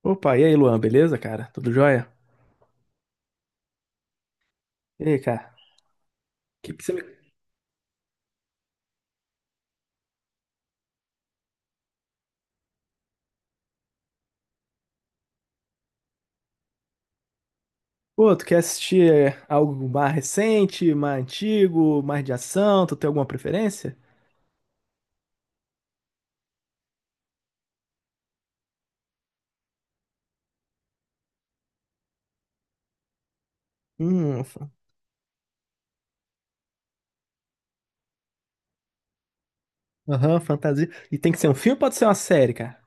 Opa, e aí, Luan, beleza, cara? Tudo jóia? E aí, cara? O que que você me... Pô, tu quer assistir é, algo mais recente, mais antigo, mais de ação? Tu tem alguma preferência? Hum, fa- aham, fantasia. E tem que ser um filme ou pode ser uma série, cara?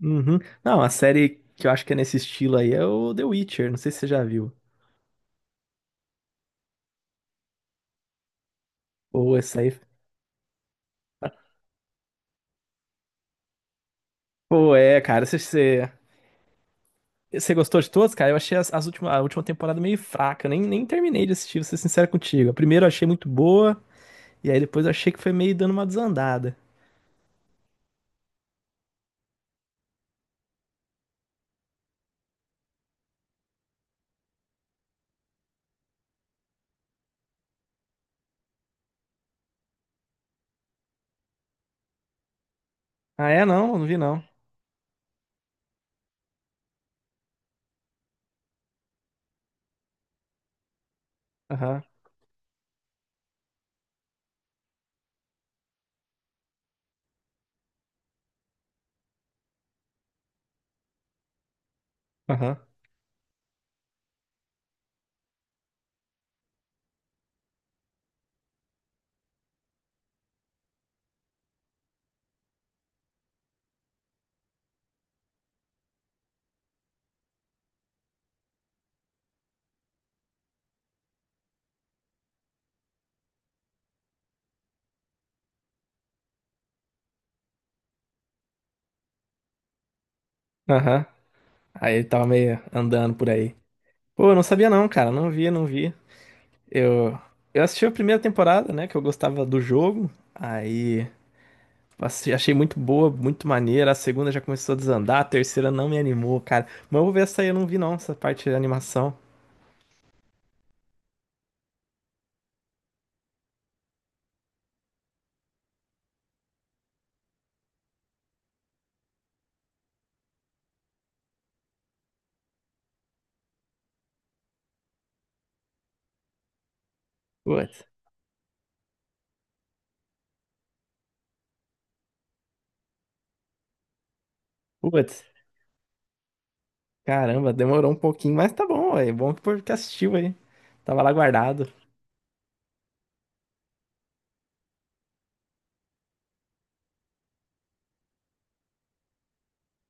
Uhum. Não, a série que eu acho que é nesse estilo aí é o The Witcher, não sei se você já viu. Pô, essa aí... Pô, é, cara, você... Você gostou de todos, cara? Eu achei as últimas, a última temporada meio fraca, eu nem terminei de assistir, vou ser sincero contigo. A primeira eu achei muito boa. E aí depois eu achei que foi meio dando uma desandada. Ah, é? Não, não vi não. Aham, aham, aham. Aí ele tava meio andando por aí. Pô, eu não sabia não, cara. Não vi, não vi. Eu, eu assisti a primeira temporada, né? Que eu gostava do jogo. Aí achei muito boa, muito maneira. A segunda já começou a desandar. A terceira não me animou, cara. Mas eu vou ver essa aí, eu não vi não, essa parte de animação. Putz, putz. Caramba, demorou um pouquinho, mas tá bom, é bom que porque assistiu aí. Tava lá guardado.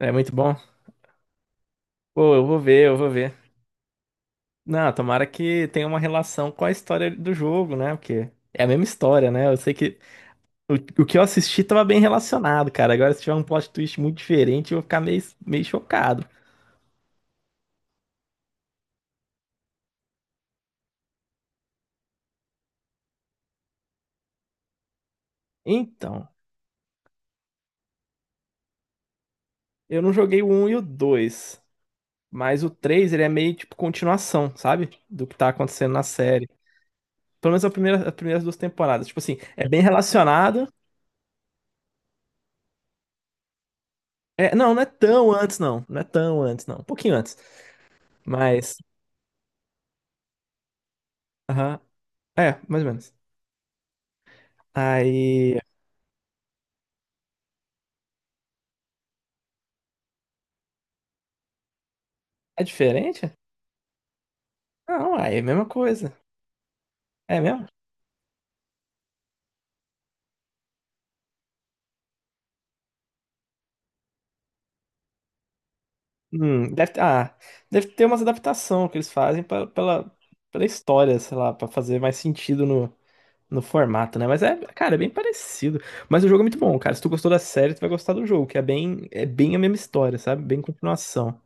É muito bom. Pô, eu vou ver, eu vou ver. Não, tomara que tenha uma relação com a história do jogo, né? Porque é a mesma história, né? Eu sei que o, o que eu assisti tava bem relacionado, cara. Agora, se tiver um plot twist muito diferente, eu vou ficar meio, chocado. Então, eu não joguei o 1 e o dois, mas o 3 ele é meio tipo continuação, sabe? Do que tá acontecendo na série. Pelo menos a primeira, as primeiras duas temporadas. Tipo assim, é bem relacionado. É, não, não é tão antes, não. Não é tão antes, não. Um pouquinho antes. Mas, aham. É, mais ou menos. Aí. É diferente? Não, aí é a mesma coisa. É mesmo? Deve, ah, deve ter umas adaptação que eles fazem pela, pela, história, sei lá, pra fazer mais sentido no formato, né? Mas é, cara, é bem parecido. Mas o jogo é muito bom, cara. Se tu gostou da série, tu vai gostar do jogo, que é bem a mesma história, sabe? Bem continuação.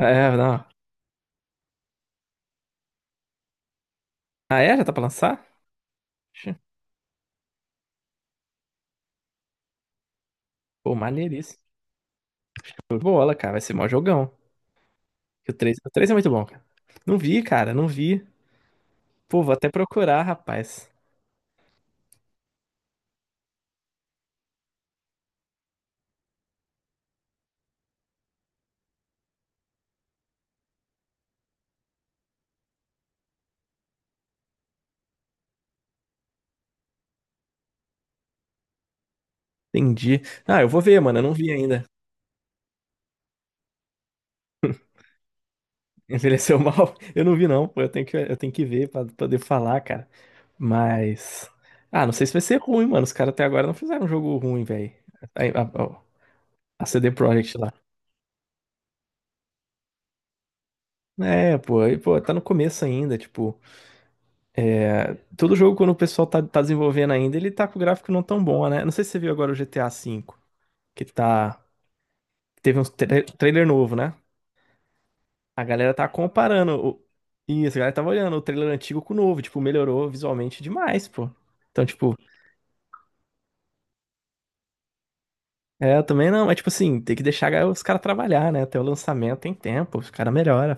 É, não. Ah, é? Já tá pra lançar? Ixi. Pô, maneiríssimo. Show de Bola, cara. Vai ser mó jogão. Que o 3, o 3 é muito bom, cara. Não vi, cara, não vi. Pô, vou até procurar, rapaz. Entendi. Ah, eu vou ver, mano. Eu não vi ainda. Envelheceu mal? Eu não vi, não. Pô, eu tenho que ver pra poder falar, cara. Mas. Ah, não sei se vai ser ruim, mano. Os caras até agora não fizeram um jogo ruim, velho. A, a- a CD Projekt lá. É, pô, e, pô, tá no começo ainda, tipo. Todo jogo, quando o pessoal tá desenvolvendo ainda, ele tá com o gráfico não tão bom, né? Não sei se você viu agora o GTA V, que tá. Teve um trailer novo, né? A galera tá comparando. O... Isso, a galera tava olhando o trailer antigo com o novo. Tipo, melhorou visualmente demais, pô. Então, tipo, é, eu também não. Mas, tipo assim, tem que deixar os caras trabalhar, né? Até o lançamento tem tempo, os caras melhoram.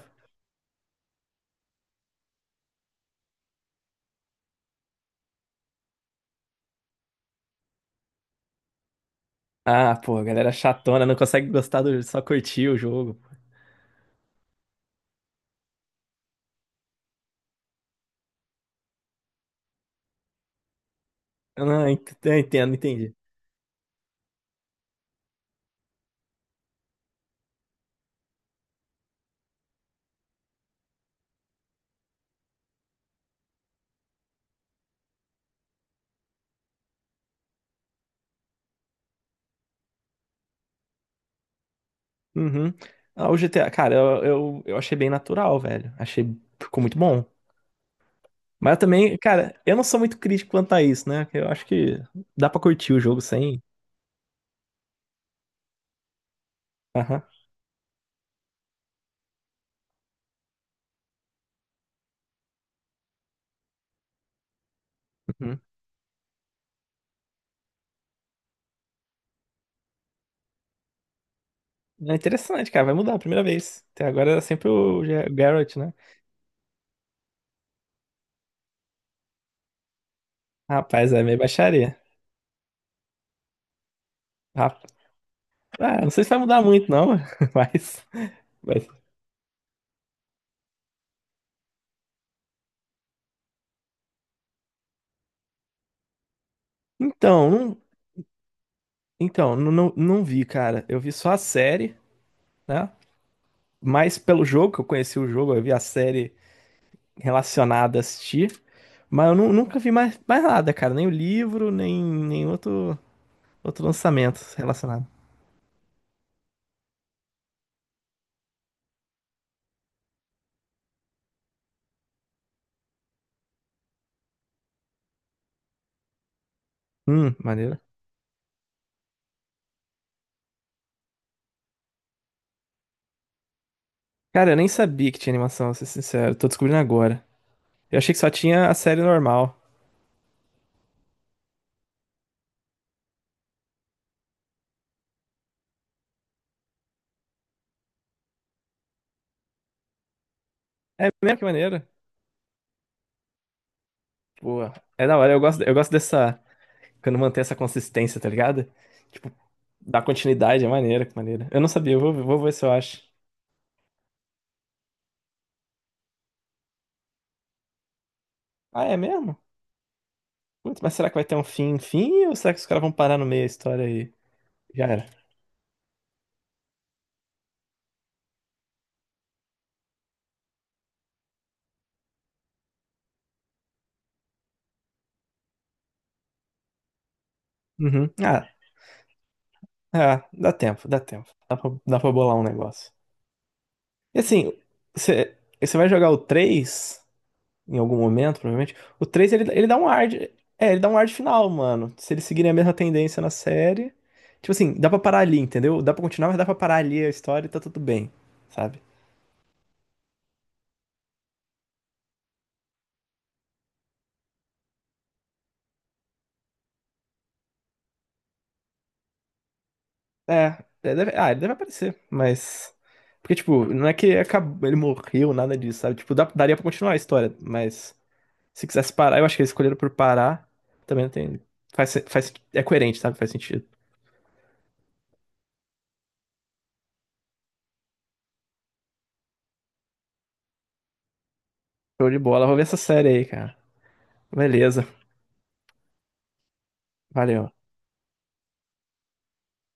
Ah, pô, a galera chatona, não consegue gostar do. Só curtir o jogo. Eu não, eu entendo, entendi. Uhum. Ah, o GTA, cara, eu achei bem natural, velho. Achei. Ficou muito bom. Mas eu também, cara, eu não sou muito crítico quanto a isso, né? Eu acho que dá pra curtir o jogo sem. Aham. Uhum. É interessante, cara. Vai mudar a primeira vez. Até agora era sempre o Garrett, né? Rapaz, é meio baixaria. Rapaz, ah, não sei se vai mudar muito, não, mas, mas. Então, não, então não, não, não vi, cara. Eu vi só a série, né? Mas pelo jogo, que eu conheci o jogo, eu vi a série relacionada a assistir. Mas eu nunca vi mais, nada, cara. Nem o livro, nem outro lançamento relacionado. Maneiro. Cara, eu nem sabia que tinha animação, vou ser sincero. Tô descobrindo agora. Eu achei que só tinha a série normal. É mesmo que maneiro. Boa. É da hora, eu gosto dessa. Quando mantém essa consistência, tá ligado? Tipo, dá continuidade, é maneiro, que maneiro. Eu não sabia, eu vou ver se eu acho. Ah, é mesmo? Putz, mas será que vai ter um fim, fim? Ou será que os caras vão parar no meio da história aí? Já era. Uhum. Ah, ah, dá tempo, dá tempo. Dá pra bolar um negócio. E assim, você vai jogar o três em algum momento, provavelmente? O 3 ele, dá um ar de, é, ele dá um ar de final, mano. Se eles seguirem a mesma tendência na série, tipo assim, dá pra parar ali, entendeu? Dá pra continuar, mas dá pra parar ali a história e tá tudo bem, sabe? É, ele deve, ah, ele deve aparecer, mas porque tipo, não é que acabou, ele morreu, nada disso, sabe? Tipo, daria pra continuar a história, mas se quisesse parar, eu acho que eles escolheram por parar, também não tem faz, faz é coerente, sabe? Faz sentido. Show de bola, vou ver essa série aí, cara. Beleza. Valeu.